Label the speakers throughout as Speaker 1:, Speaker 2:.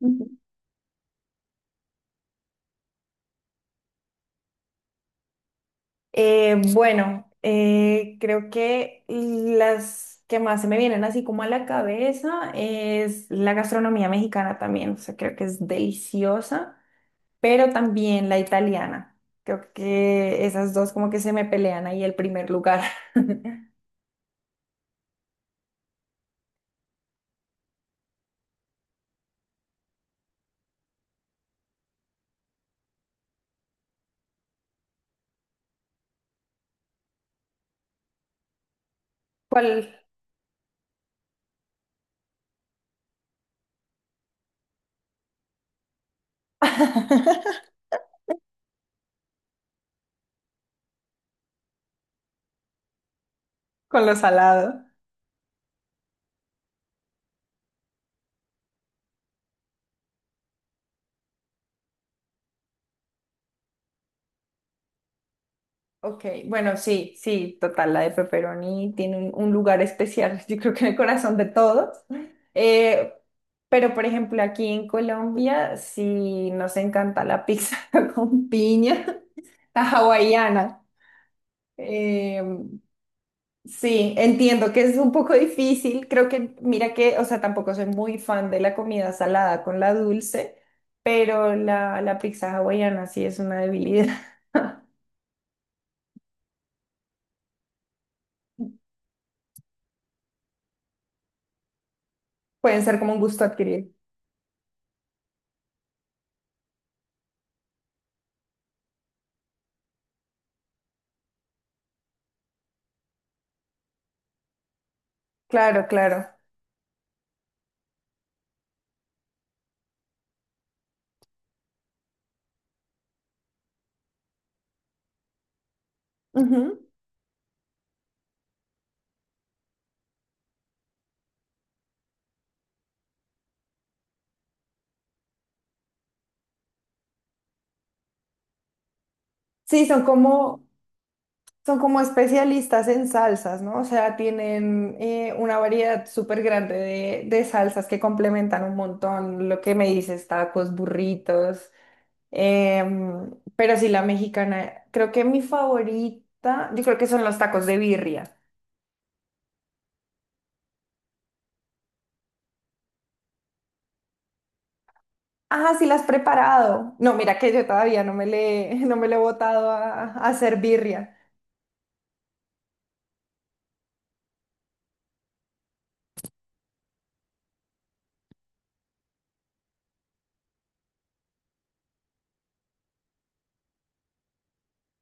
Speaker 1: Ujú. Bueno, creo que las que más se me vienen así como a la cabeza es la gastronomía mexicana también, o sea, creo que es deliciosa, pero también la italiana. Creo que esas dos como que se me pelean ahí el primer lugar. ¿Cuál? Con lo salado. Ok, bueno, sí, sí, total, la de pepperoni tiene un lugar especial, yo creo que en el corazón de todos. Eh, pero, por ejemplo, aquí en Colombia, sí nos encanta la pizza con piña, la hawaiana. Eh, sí, entiendo que es un poco difícil, creo que, mira que, o sea, tampoco soy muy fan de la comida salada con la dulce, pero la pizza hawaiana sí es una debilidad. Pueden ser como un gusto adquirido. Claro, claro. Ujú. Sí, son como especialistas en salsas, ¿no? O sea, tienen una variedad súper grande de salsas que complementan un montón lo que me dices, tacos, burritos. em, pero sí, la mexicana, creo que mi favorita, yo creo que son los tacos de birria. Ah, sí, la has preparado. No, mira que yo todavía no me le, no me le he botado a hacer birria.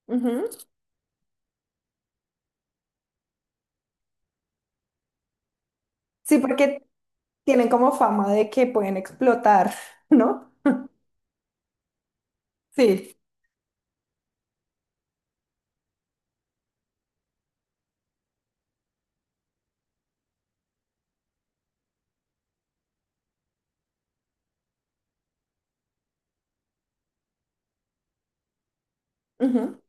Speaker 1: Ujú. Sí, porque tienen como fama de que pueden explotar, ¿no? Sí. Ujú,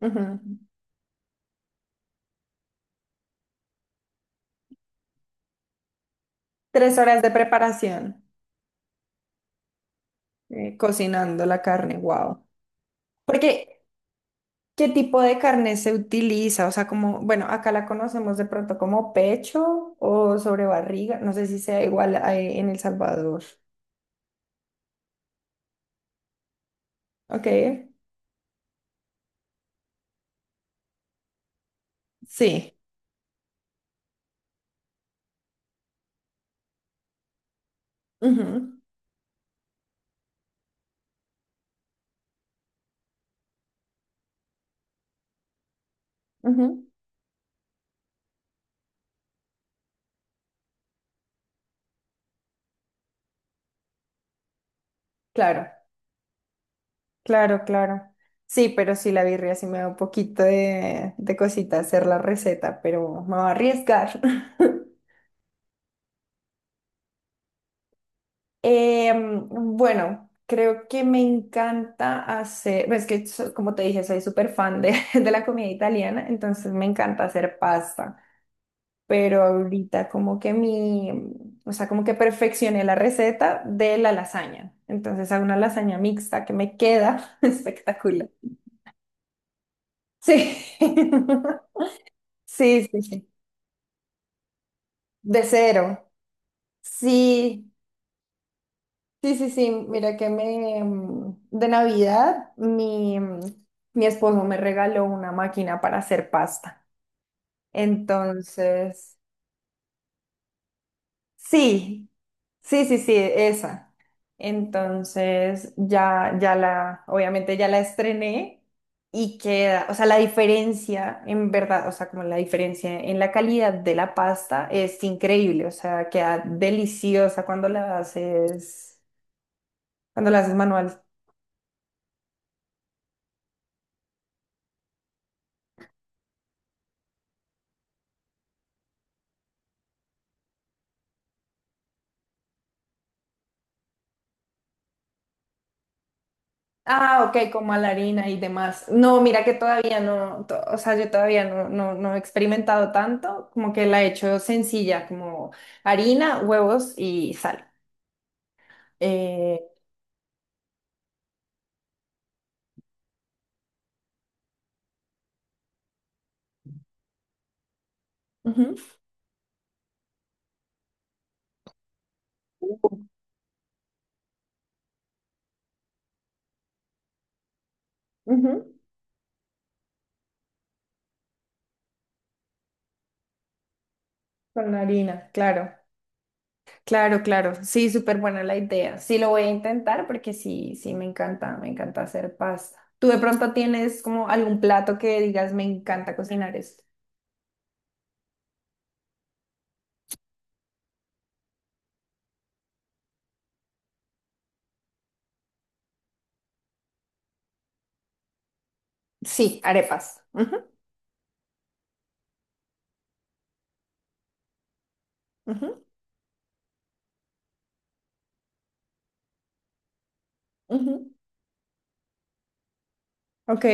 Speaker 1: ujú. 3 horas de preparación, cocinando la carne, wow. Porque, ¿qué tipo de carne se utiliza? O sea, como, bueno, acá la conocemos de pronto como pecho o sobre barriga, no sé si sea igual a- en El Salvador. Ok, sí. Ujú, ujú. Claro, claro, claro. Sí, pero sí, la birria sí me da un poquito de cosita hacer la receta, pero me va a arriesgar. Em, bueno, creo que me encanta hacer, pues, es que so- como te dije, soy súper fan de, de la comida italiana, entonces me encanta hacer pasta, pero ahorita como que mi, o sea, como que perfeccioné la receta de la lasaña, entonces hago una lasaña mixta que me queda espectacular. Sí, sí, sí, sí, de cero, sí. Sí, sí, sí, mira que de Navidad mi esposo me regaló una máquina para hacer pasta. Entonces, sí, sí, sí, sí, esa. Entonces, ya, ya la, obviamente ya la estrené y queda, o sea, la diferencia en verdad, o sea, como la diferencia en la calidad de la pasta es increíble, o sea, queda deliciosa cuando la haces manual. Ah, ok, como a la harina y demás. No, mira que todavía no, to- o sea, yo todavía no, no, no he experimentado tanto, como que la he hecho sencilla, como harina, huevos y sal. Eh, Ujú, Uh, ujú, Con la harina, claro, claro, claro. Sí, súper buena la idea. Sí, lo voy a intentar porque sí, sí, me encanta hacer pasta. ¿Tú de pronto tienes como algún plato que digas, me encanta cocinar esto? Sí, arepas. Ujú, ujú, ujú. Ok.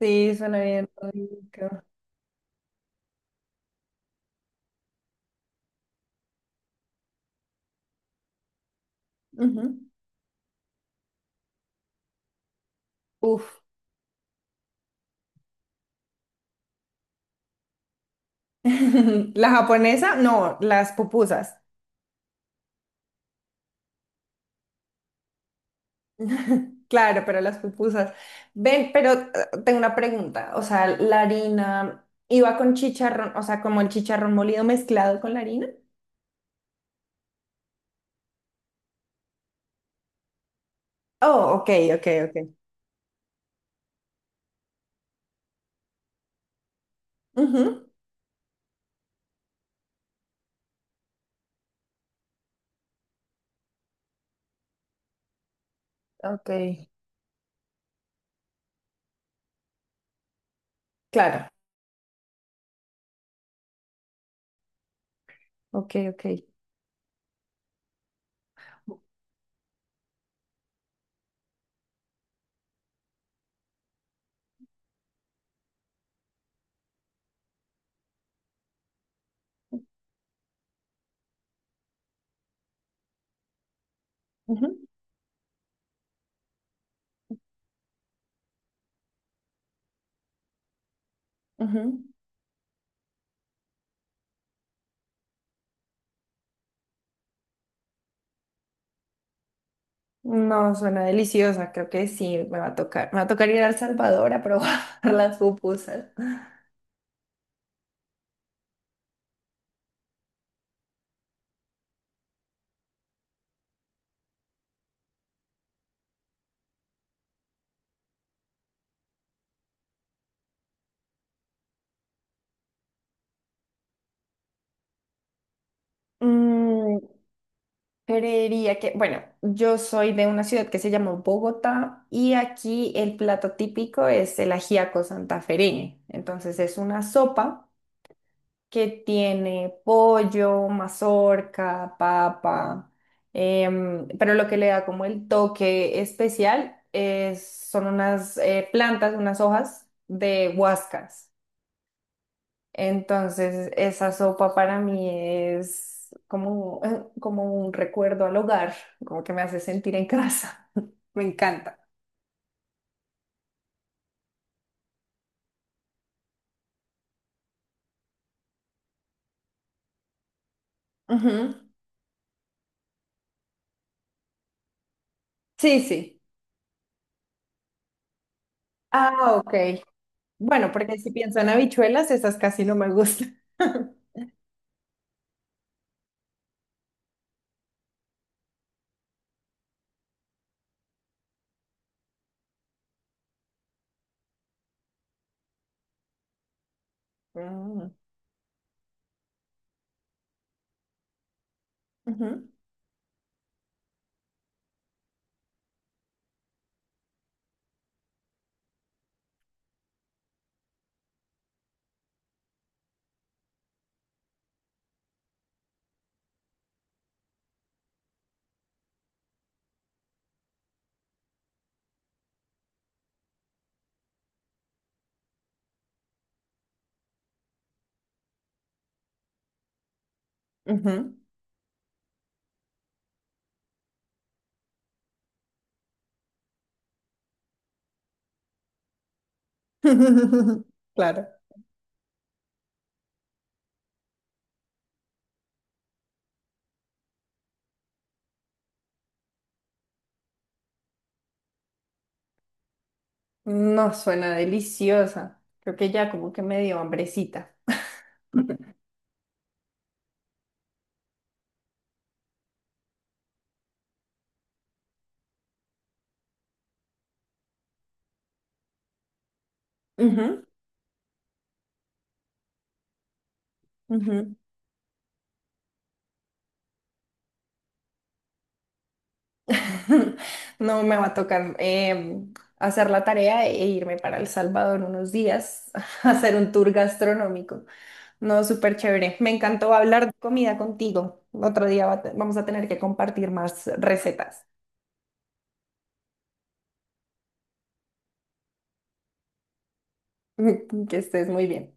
Speaker 1: Sí, suena bien rico. Ujú. Uf. La japonesa, no, las pupusas. Claro, pero las pupusas. Ven, pero tengo una pregunta. O sea, la harina iba con chicharrón, o sea, como el chicharrón molido mezclado con la harina. Oh, ok, ok, ok. Ujú. Ok, claro. Ok, ok. Ujú, ujú. No, suena deliciosa. Creo que sí, me va a tocar. Me va a tocar ir a El Salvador a probar las pupusas. Mm, creería que, bueno, yo soy de una ciudad que se llama Bogotá y aquí el plato típico es el ajiaco santafereño. Entonces es una sopa que tiene pollo, mazorca, papa, pero lo que le da como el toque especial es, son unas plantas, unas hojas de huascas. Entonces, esa sopa para mí es como, como un recuerdo al hogar, como que me hace sentir en casa. Me encanta. Ujú. Sí, sí. Ah, ok. Bueno, porque si pienso en habichuelas, esas casi no me gustan. Mm. Ujú, ujú. Claro. No suena deliciosa. Creo que ya como que me dio hambrecita. Ujú, ujú. No me va a tocar hacer la tarea e irme para El Salvador unos días a hacer un tour gastronómico. No, súper chévere. Me encantó hablar de comida contigo. Otro día va a te- vamos a tener que compartir más recetas. Que estés muy bien.